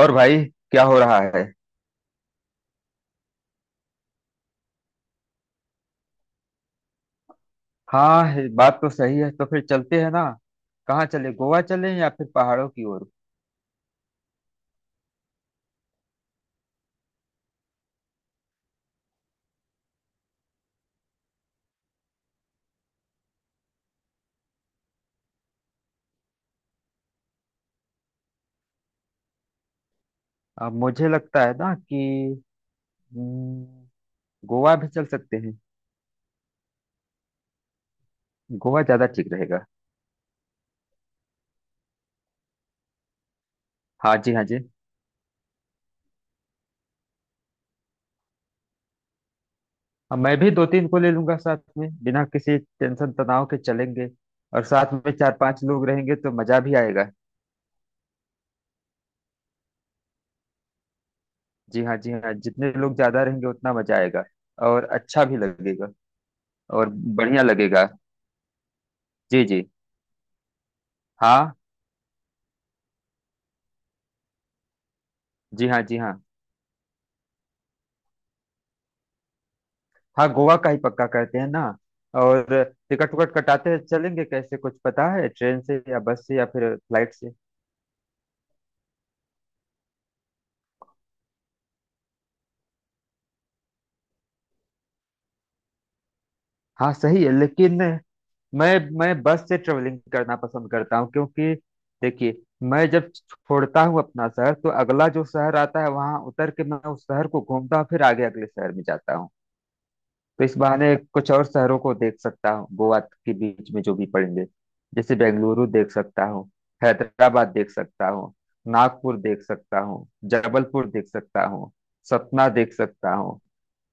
और भाई क्या हो रहा है। हाँ, ये बात तो सही है, तो फिर चलते हैं ना। कहाँ चले, गोवा चले या फिर पहाड़ों की ओर। अब मुझे लगता है ना कि हम्म, गोवा भी चल सकते हैं। गोवा ज्यादा ठीक रहेगा। हाँ जी, हाँ जी। हाँ, मैं भी दो तीन को ले लूंगा साथ में, बिना किसी टेंशन तनाव के चलेंगे। और साथ में चार पांच लोग रहेंगे तो मजा भी आएगा। जी हाँ, जी हाँ, जितने लोग ज्यादा रहेंगे उतना मजा आएगा। और अच्छा भी लगेगा। और बढ़िया लगेगा। जी जी। हाँ। जी हाँ, जी हाँ। हाँ, गोवा का ही पक्का करते हैं ना। और टिकट विकट कटाते हैं, चलेंगे कैसे? कुछ पता है, ट्रेन से या बस से या फिर फ्लाइट से? हाँ सही है, लेकिन मैं बस से ट्रेवलिंग करना पसंद करता हूँ क्योंकि देखिए, मैं जब छोड़ता हूँ अपना शहर तो अगला जो शहर आता है वहां उतर के मैं उस शहर को घूमता हूँ, फिर आगे अगले शहर में जाता हूँ। तो इस बहाने कुछ और शहरों को देख सकता हूँ, गोवा के बीच में जो भी पड़ेंगे। जैसे बेंगलुरु देख सकता हूँ, हैदराबाद देख सकता हूँ, नागपुर देख सकता हूँ, जबलपुर देख सकता हूँ, सतना देख सकता हूँ,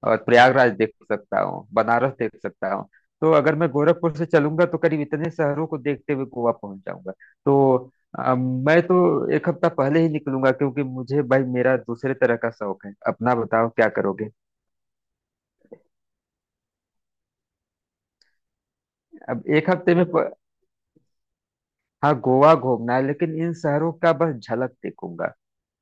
और प्रयागराज देख सकता हूँ, बनारस देख सकता हूँ। तो अगर मैं गोरखपुर से चलूंगा तो करीब इतने शहरों को देखते हुए गोवा पहुंच जाऊंगा। तो मैं तो एक हफ्ता पहले ही निकलूंगा क्योंकि मुझे, भाई मेरा दूसरे तरह का शौक है, अपना बताओ क्या करोगे। अब एक हफ्ते में। हाँ, गोवा घूमना है लेकिन इन शहरों का बस झलक देखूंगा।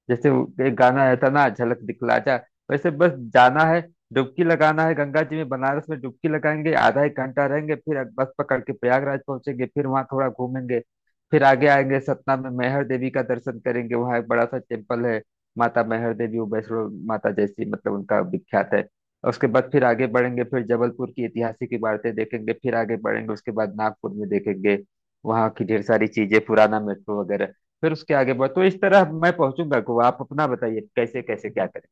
जैसे वो एक गाना आया था ना, झलक दिखला जा। वैसे बस जाना है। डुबकी लगाना है गंगा जी में, बनारस में डुबकी लगाएंगे, आधा एक घंटा रहेंगे, फिर बस पकड़ के प्रयागराज पहुंचेंगे, फिर वहां थोड़ा घूमेंगे। फिर आगे आएंगे सतना में मैहर देवी का दर्शन करेंगे, वहां एक बड़ा सा टेम्पल है। माता मैहर देवी वो वैष्णो माता जैसी, मतलब उनका विख्यात है। और उसके बाद फिर आगे बढ़ेंगे, फिर जबलपुर की ऐतिहासिक इमारतें देखेंगे, फिर आगे बढ़ेंगे, उसके बाद नागपुर में देखेंगे। वहाँ की ढेर सारी चीजें, पुराना मेट्रो वगैरह। फिर उसके आगे बढ़, तो इस तरह मैं पहुंचूंगा गोवा। आप अपना बताइए कैसे कैसे क्या करें।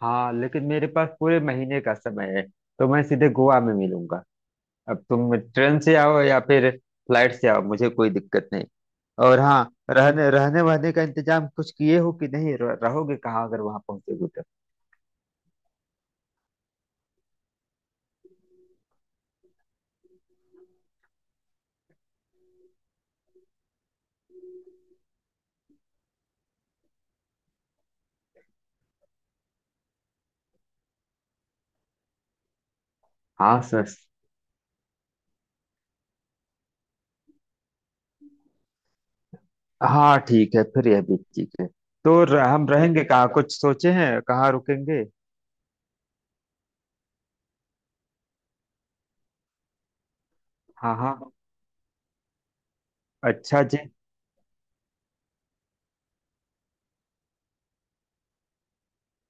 हाँ लेकिन मेरे पास पूरे महीने का समय है। तो मैं सीधे गोवा में मिलूंगा। अब तुम ट्रेन से आओ या फिर फ्लाइट से आओ, मुझे कोई दिक्कत नहीं। और हाँ, रहने रहने वहने का इंतजाम कुछ किए हो कि नहीं, रहोगे कहाँ अगर वहां पहुंचोगे तो? हाँ सर। हाँ ठीक है, फिर यह भी ठीक है। तो हम रहेंगे कहाँ, कुछ सोचे हैं कहाँ रुकेंगे? हाँ हाँ। अच्छा जी।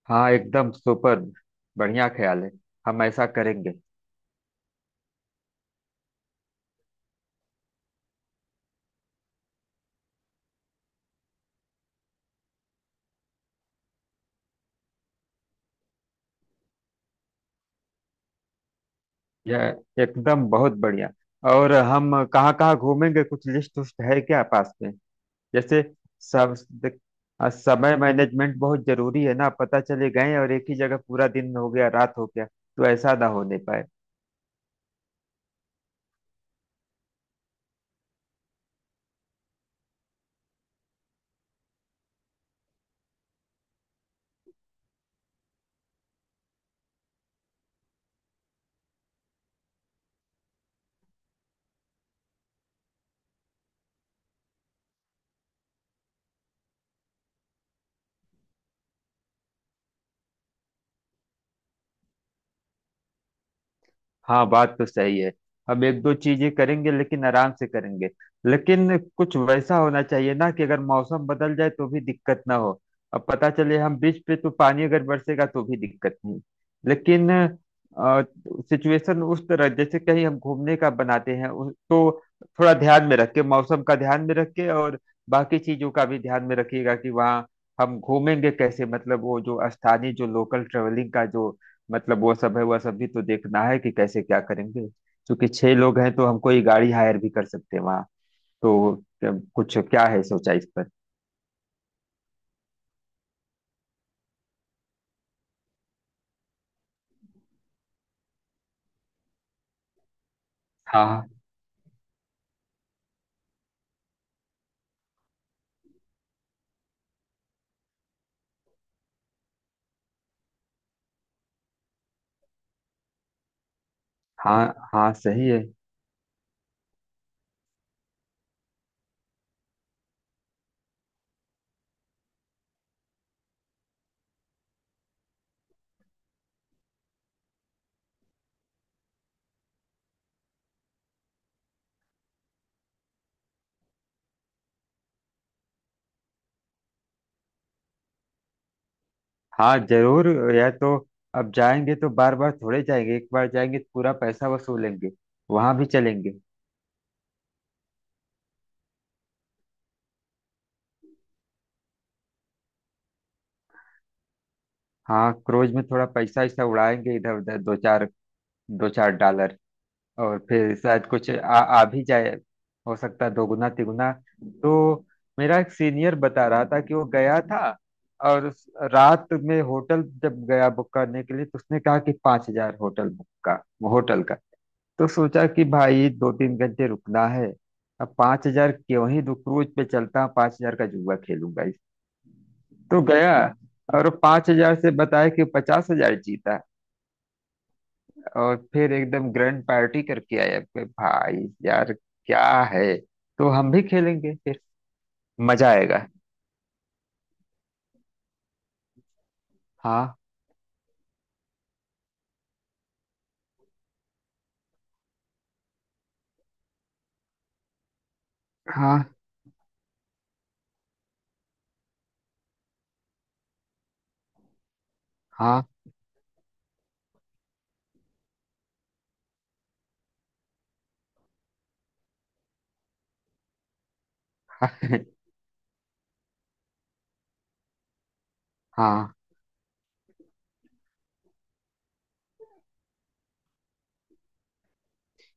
हाँ एकदम सुपर। बढ़िया ख्याल है। हम ऐसा करेंगे। यह एकदम बहुत बढ़िया। और हम कहाँ कहाँ घूमेंगे, कुछ लिस्ट उस्ट है क्या पास में? जैसे सब देख, समय मैनेजमेंट बहुत जरूरी है ना, पता चले गए और एक ही जगह पूरा दिन हो गया रात हो गया, तो ऐसा ना होने पाए। हाँ बात तो सही है। हम एक दो चीजें करेंगे लेकिन आराम से करेंगे। लेकिन कुछ वैसा होना चाहिए ना कि अगर मौसम बदल जाए तो भी दिक्कत ना हो। अब पता चले हम बीच पे, तो पानी अगर बरसेगा तो भी दिक्कत नहीं। लेकिन सिचुएशन उस तरह, जैसे कहीं हम घूमने का बनाते हैं तो थोड़ा ध्यान में रख के, मौसम का ध्यान में रख के, और बाकी चीजों का भी ध्यान में रखिएगा कि वहाँ हम घूमेंगे कैसे, मतलब वो जो स्थानीय जो लोकल ट्रेवलिंग का जो, मतलब वो सब है, वह सब भी तो देखना है कि कैसे क्या करेंगे। क्योंकि छह लोग हैं तो हम कोई गाड़ी हायर भी कर सकते हैं वहाँ। तो कुछ क्या है सोचा इस पर? हाँ हाँ, हाँ सही है। हाँ जरूर। यह तो। अब जाएंगे तो बार बार थोड़े जाएंगे, एक बार जाएंगे तो पूरा पैसा वसूलेंगे। वहां भी चलेंगे। हाँ क्रूज में थोड़ा पैसा ऐसा उड़ाएंगे, इधर उधर दो चार, दो चार डॉलर। और फिर शायद कुछ आ भी जाए। हो सकता है दोगुना तिगुना। तो मेरा एक सीनियर बता रहा था कि वो गया था, और रात में होटल जब गया बुक करने के लिए, तो उसने कहा कि 5,000 होटल बुक का, होटल का। तो सोचा कि भाई दो तीन घंटे रुकना है। अब 5,000 क्यों ही दो, क्रूज पे चलता, 5,000 का जुआ खेलूंगा इस। तो गया और 5,000 से बताया कि 50,000 जीता। और फिर एकदम ग्रैंड पार्टी करके आए अपने, भाई यार क्या है। तो हम भी खेलेंगे फिर। मजा आएगा। हाँ हाँ हाँ। हाँ हाँ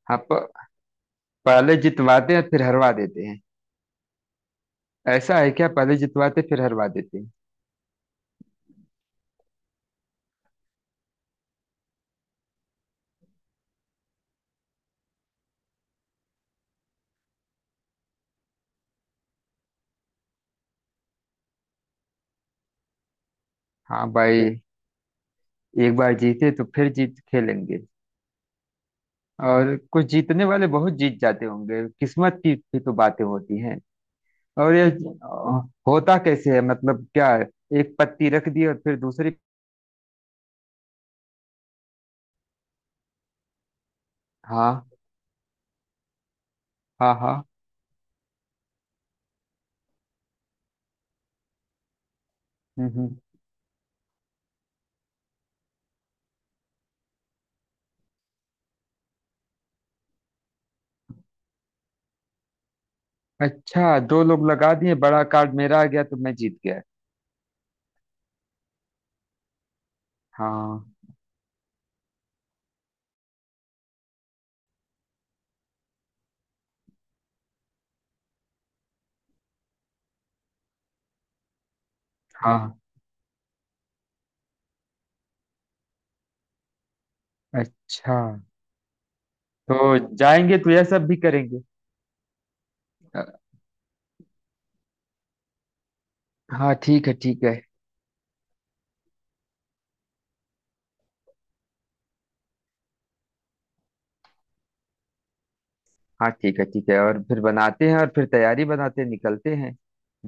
हाँ। पहले जितवाते हैं फिर हरवा देते हैं। ऐसा है क्या, पहले जितवाते फिर हरवा देते हैं? हाँ भाई। एक बार जीते तो फिर जीत खेलेंगे। और कुछ जीतने वाले बहुत जीत जाते होंगे, किस्मत की भी तो बातें होती हैं। और ये होता कैसे है, मतलब क्या है? एक पत्ती रख दी और फिर दूसरी। हाँ हाँ हाँ। हम्म हम्म। अच्छा, दो लोग लगा दिए, बड़ा कार्ड मेरा आ गया तो मैं जीत गया। हाँ हाँ। अच्छा। तो जाएंगे तो यह सब भी करेंगे। अ, हाँ ठीक है, ठीक है। हाँ ठीक है, ठीक है, और फिर बनाते हैं, और फिर तैयारी बनाते हैं, निकलते हैं।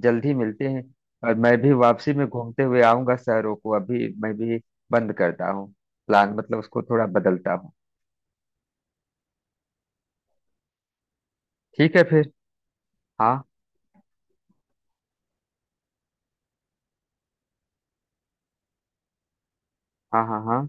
जल्दी मिलते हैं। और मैं भी वापसी में घूमते हुए आऊंगा शहरों को, अभी मैं भी बंद करता हूँ। प्लान मतलब उसको थोड़ा बदलता हूँ। ठीक है फिर। हाँ हाँ हाँ हाँ।